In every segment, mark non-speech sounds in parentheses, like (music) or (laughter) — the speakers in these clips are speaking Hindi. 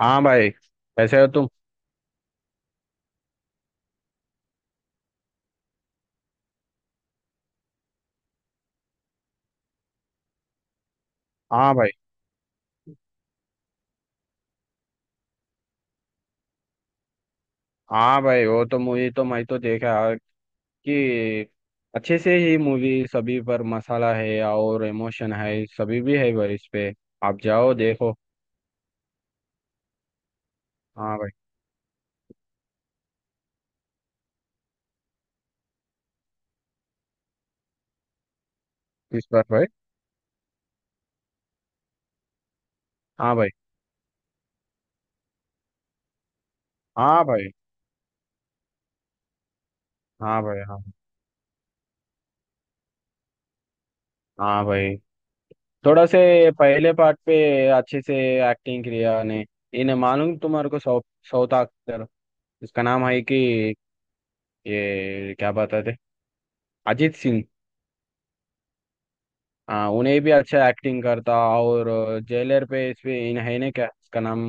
हाँ भाई, कैसे हो तुम। हाँ भाई। हाँ भाई, वो तो मूवी तो मैं तो देखा कि अच्छे से ही मूवी। सभी पर मसाला है और इमोशन है, सभी भी है भाई। इस पे आप जाओ देखो। हाँ भाई। किस पर भाई? हाँ भाई। हाँ भाई। हाँ भाई। हाँ। हाँ भाई, थोड़ा से पहले पार्ट पे अच्छे से एक्टिंग किया ने। इन्हें मालूम, तुम्हारे को साउथ, साउथ एक्टर, इसका नाम है कि ये क्या बताते, अजीत सिंह। हाँ, उन्हें भी अच्छा एक्टिंग करता। और जेलर पे इस पे इन है ने, क्या इसका नाम,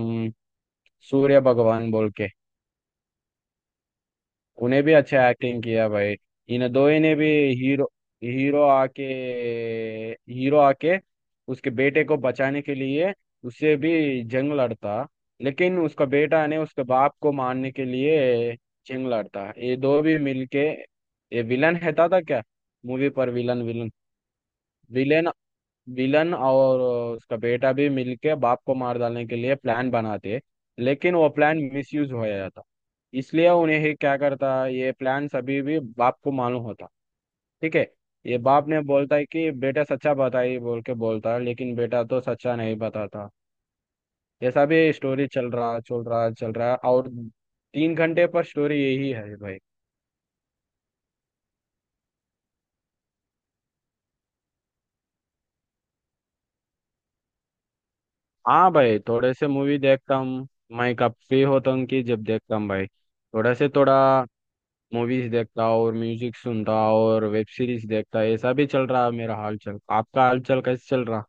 सूर्य भगवान बोल के। उन्हें भी अच्छा एक्टिंग किया भाई। इन दो ने भी हीरो, हीरो आके, हीरो आके उसके बेटे को बचाने के लिए उससे भी जंग लड़ता। लेकिन उसका बेटा ने उसके बाप को मारने के लिए जंग लड़ता, ये दो भी मिलके। ये विलन है था क्या, मूवी पर विलन। विलन विलेन विलन और उसका बेटा भी मिलके बाप को मार डालने के लिए प्लान बनाते। लेकिन वो प्लान मिसयूज हो जाता। इसलिए उन्हें ही क्या करता, ये प्लान सभी भी बाप को मालूम होता। ठीक है। ये बाप ने बोलता है कि बेटा सच्चा बताइए बोल के बोलता है, लेकिन बेटा तो सच्चा नहीं बताता। ऐसा भी स्टोरी चल रहा चल रहा और 3 घंटे पर स्टोरी यही है भाई। हाँ भाई, थोड़े से मूवी देखता हूँ। मैं कब फ्री होता हूँ कि जब देखता हूँ भाई, थोड़ा से थोड़ा मूवीज देखता और म्यूजिक सुनता और वेब सीरीज देखता, ऐसा भी चल रहा है। मेरा हाल चल, आपका हाल चल कैसे चल रहा।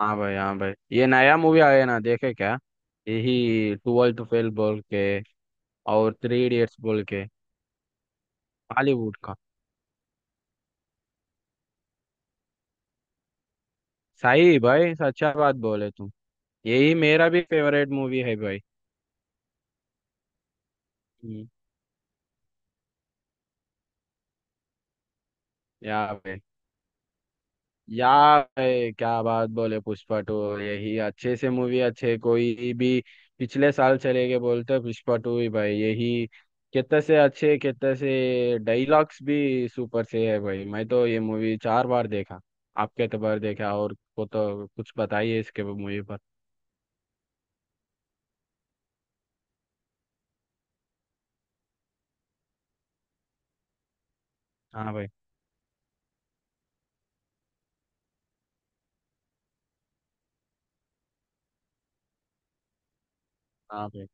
हाँ भाई। हाँ भाई, ये नया मूवी आया है ना, देखे क्या, यही ट्वेल्थ टू फेल बोल के और थ्री इडियट्स बोल के, हॉलीवुड का। सही भाई, सच्चा बात बोले तुम। यही मेरा भी फेवरेट मूवी है भाई। हम्म, या भाई। यार क्या बात बोले, पुष्पा टू यही अच्छे से मूवी, अच्छे कोई भी। पिछले साल चले गए बोलते, पुष्पा टू ही भाई यही। कितने से अच्छे, कितने से डायलॉग्स भी सुपर से है भाई। मैं तो ये मूवी 4 बार देखा। आपके एतबार देखा, और को तो कुछ बताइए इसके मूवी पर। हाँ भाई। हाँ भाई।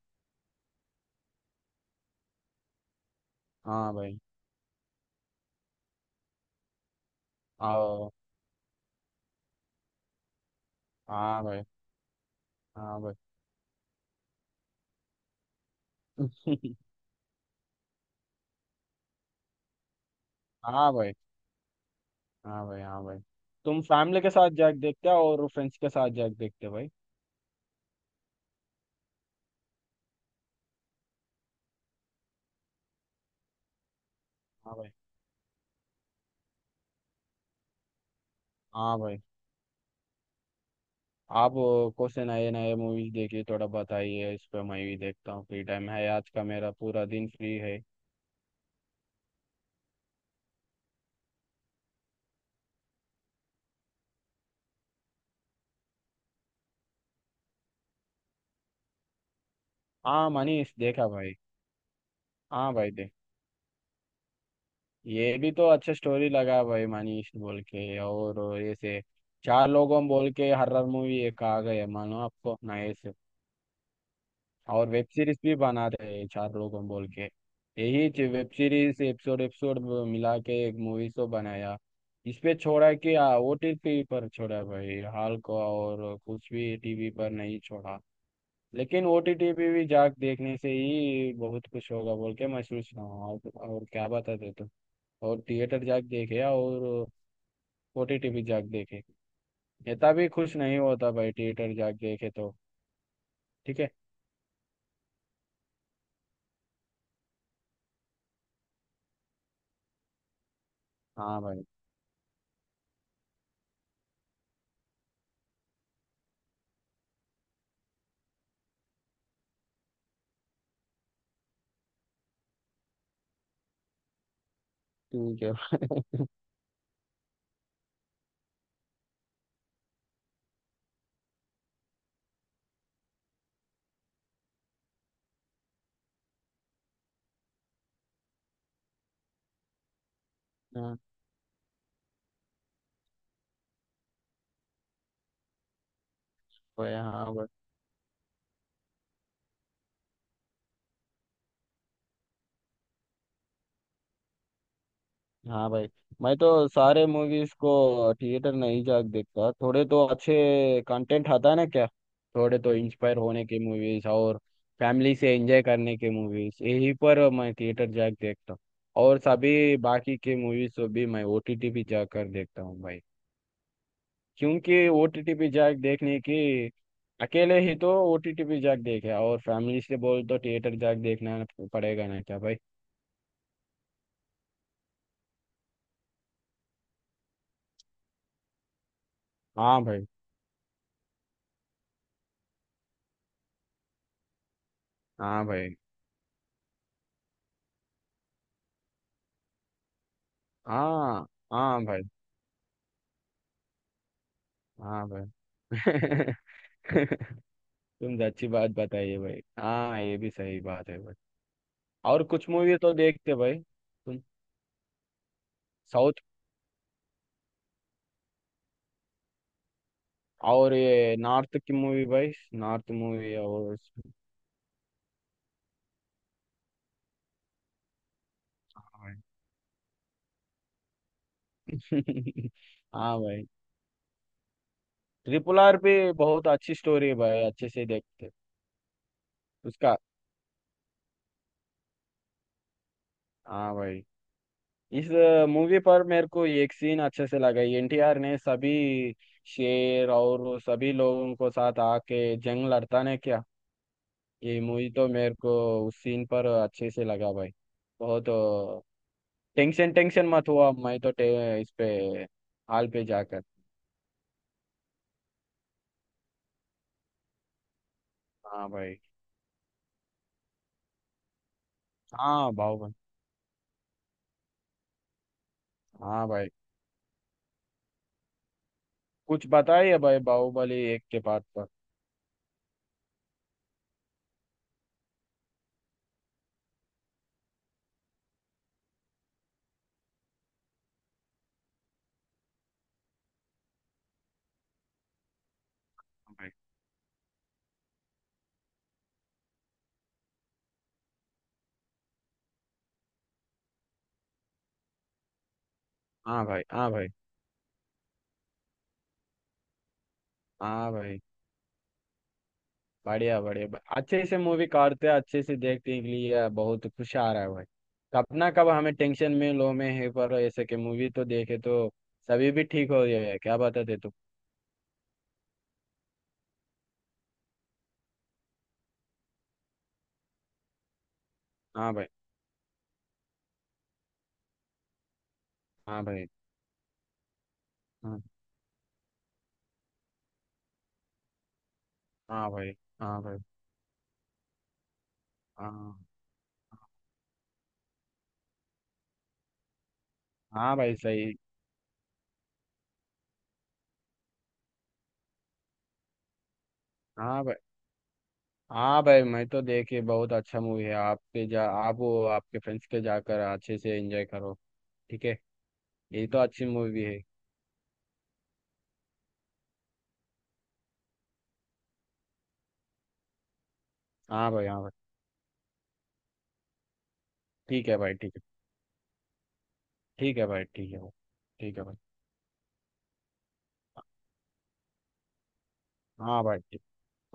हाँ भाई। आओ। हाँ भाई। हाँ भाई। (laughs) हाँ भाई। हाँ भाई। हाँ भाई, तुम फैमिली के साथ जाके देखते हो और फ्रेंड्स के साथ जाके देखते हो भाई? हाँ भाई। हाँ भाई। आप को से नए नए मूवीज देखिए, थोड़ा बताइए इस पे, मैं भी देखता हूँ। फ्री टाइम है, आज का मेरा पूरा दिन फ्री है। हाँ, मनीष देखा भाई। हाँ भाई, देख, ये भी तो अच्छा स्टोरी लगा भाई, मनीष बोल के और ऐसे चार लोगों बोल के हर्रर मूवी एक आ गए मानो, आपको नए से। और वेब सीरीज भी बना रहे हैं चार लोग हम बोल के, यही वेब सीरीज एपिसोड एपिसोड मिला के एक मूवी शो बनाया। इस पे छोड़ा कि ओटीटी पर छोड़ा भाई, हाल को, और कुछ भी टीवी पर नहीं छोड़ा। लेकिन ओटीटी पे भी जाके देखने से ही बहुत कुछ होगा बोल के मैं सोच रहा हूँ, और क्या बताते तुम। और थिएटर जाके देखे, और ओटीटी भी जाके देखे। इतना भी खुश नहीं होता भाई, थिएटर जाके देखे तो। ठीक है। हाँ भाई। ठीक है। हाँ भाई। हाँ भाई। हाँ भाई। मैं तो सारे मूवीज को थिएटर नहीं जाके देखता। थोड़े तो अच्छे कंटेंट आता है ना क्या, थोड़े तो इंस्पायर होने के मूवीज और फैमिली से एंजॉय करने के मूवीज, यही पर मैं थिएटर जाके देखता हूँ। और सभी बाकी के मूवीज को भी मैं ओटीटी पे जाकर देखता हूँ भाई। क्योंकि ओटीटी पे जाके देखने की अकेले ही तो ओटीटी पे जाके देखे, और फैमिली से बोल तो थिएटर जाके देखना पड़ेगा ना क्या भाई। हाँ भाई। हाँ भाई। हाँ। हाँ भाई। हाँ भाई। (laughs) तुमने अच्छी बात बताई है भाई। हाँ, ये भी सही बात है भाई। और कुछ मूवी तो देखते भाई तुम? साउथ। और ये नॉर्थ की मूवी भाई, नॉर्थ मूवी और। हाँ भाई। (laughs) हाँ भाई, ट्रिपल आर पे बहुत अच्छी स्टोरी है भाई, अच्छे से देखते। उसका। हाँ भाई। इस मूवी पर मेरे को एक सीन अच्छे से लगा, एनटीआर ने सभी शेर और सभी लोगों को साथ आके जंग लड़ता ने क्या। ये मूवी तो मेरे को उस सीन पर अच्छे से लगा भाई, बहुत। टेंशन टेंशन मत हुआ, मैं तो इस पे हाल पे जाकर। हाँ भाई। हाँ, बाहुबली। हाँ भाई। कुछ बताइए भाई बाहुबली एक के पार्ट पर। हाँ भाई। हाँ भाई। हाँ भाई। हाँ भाई। बढ़िया बढ़िया, अच्छे से मूवी काटते, अच्छे से देखने के लिए बहुत खुश आ रहा है भाई। कब ना कब हमें टेंशन में लो में है, पर ऐसे के मूवी तो देखे तो सभी भी ठीक हो जाए, क्या बताते तुम। हाँ भाई। हाँ भाई। हाँ। हाँ भाई। हाँ भाई। हाँ। हाँ भाई, सही। हाँ भाई। हाँ भाई, मैं तो देखे बहुत अच्छा मूवी है। आप पे जा, आप वो आपके फ्रेंड्स के जाकर अच्छे से एंजॉय करो। ठीक है। ये तो अच्छी मूवी है। हाँ भाई। हाँ भाई। ठीक है भाई, ठीक है। ठीक है भाई। ठीक है भाई। ठीक है भाई। हाँ भाई, ठीक।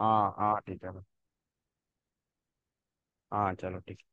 हाँ हाँ, ठीक है भाई। हाँ चलो, ठीक।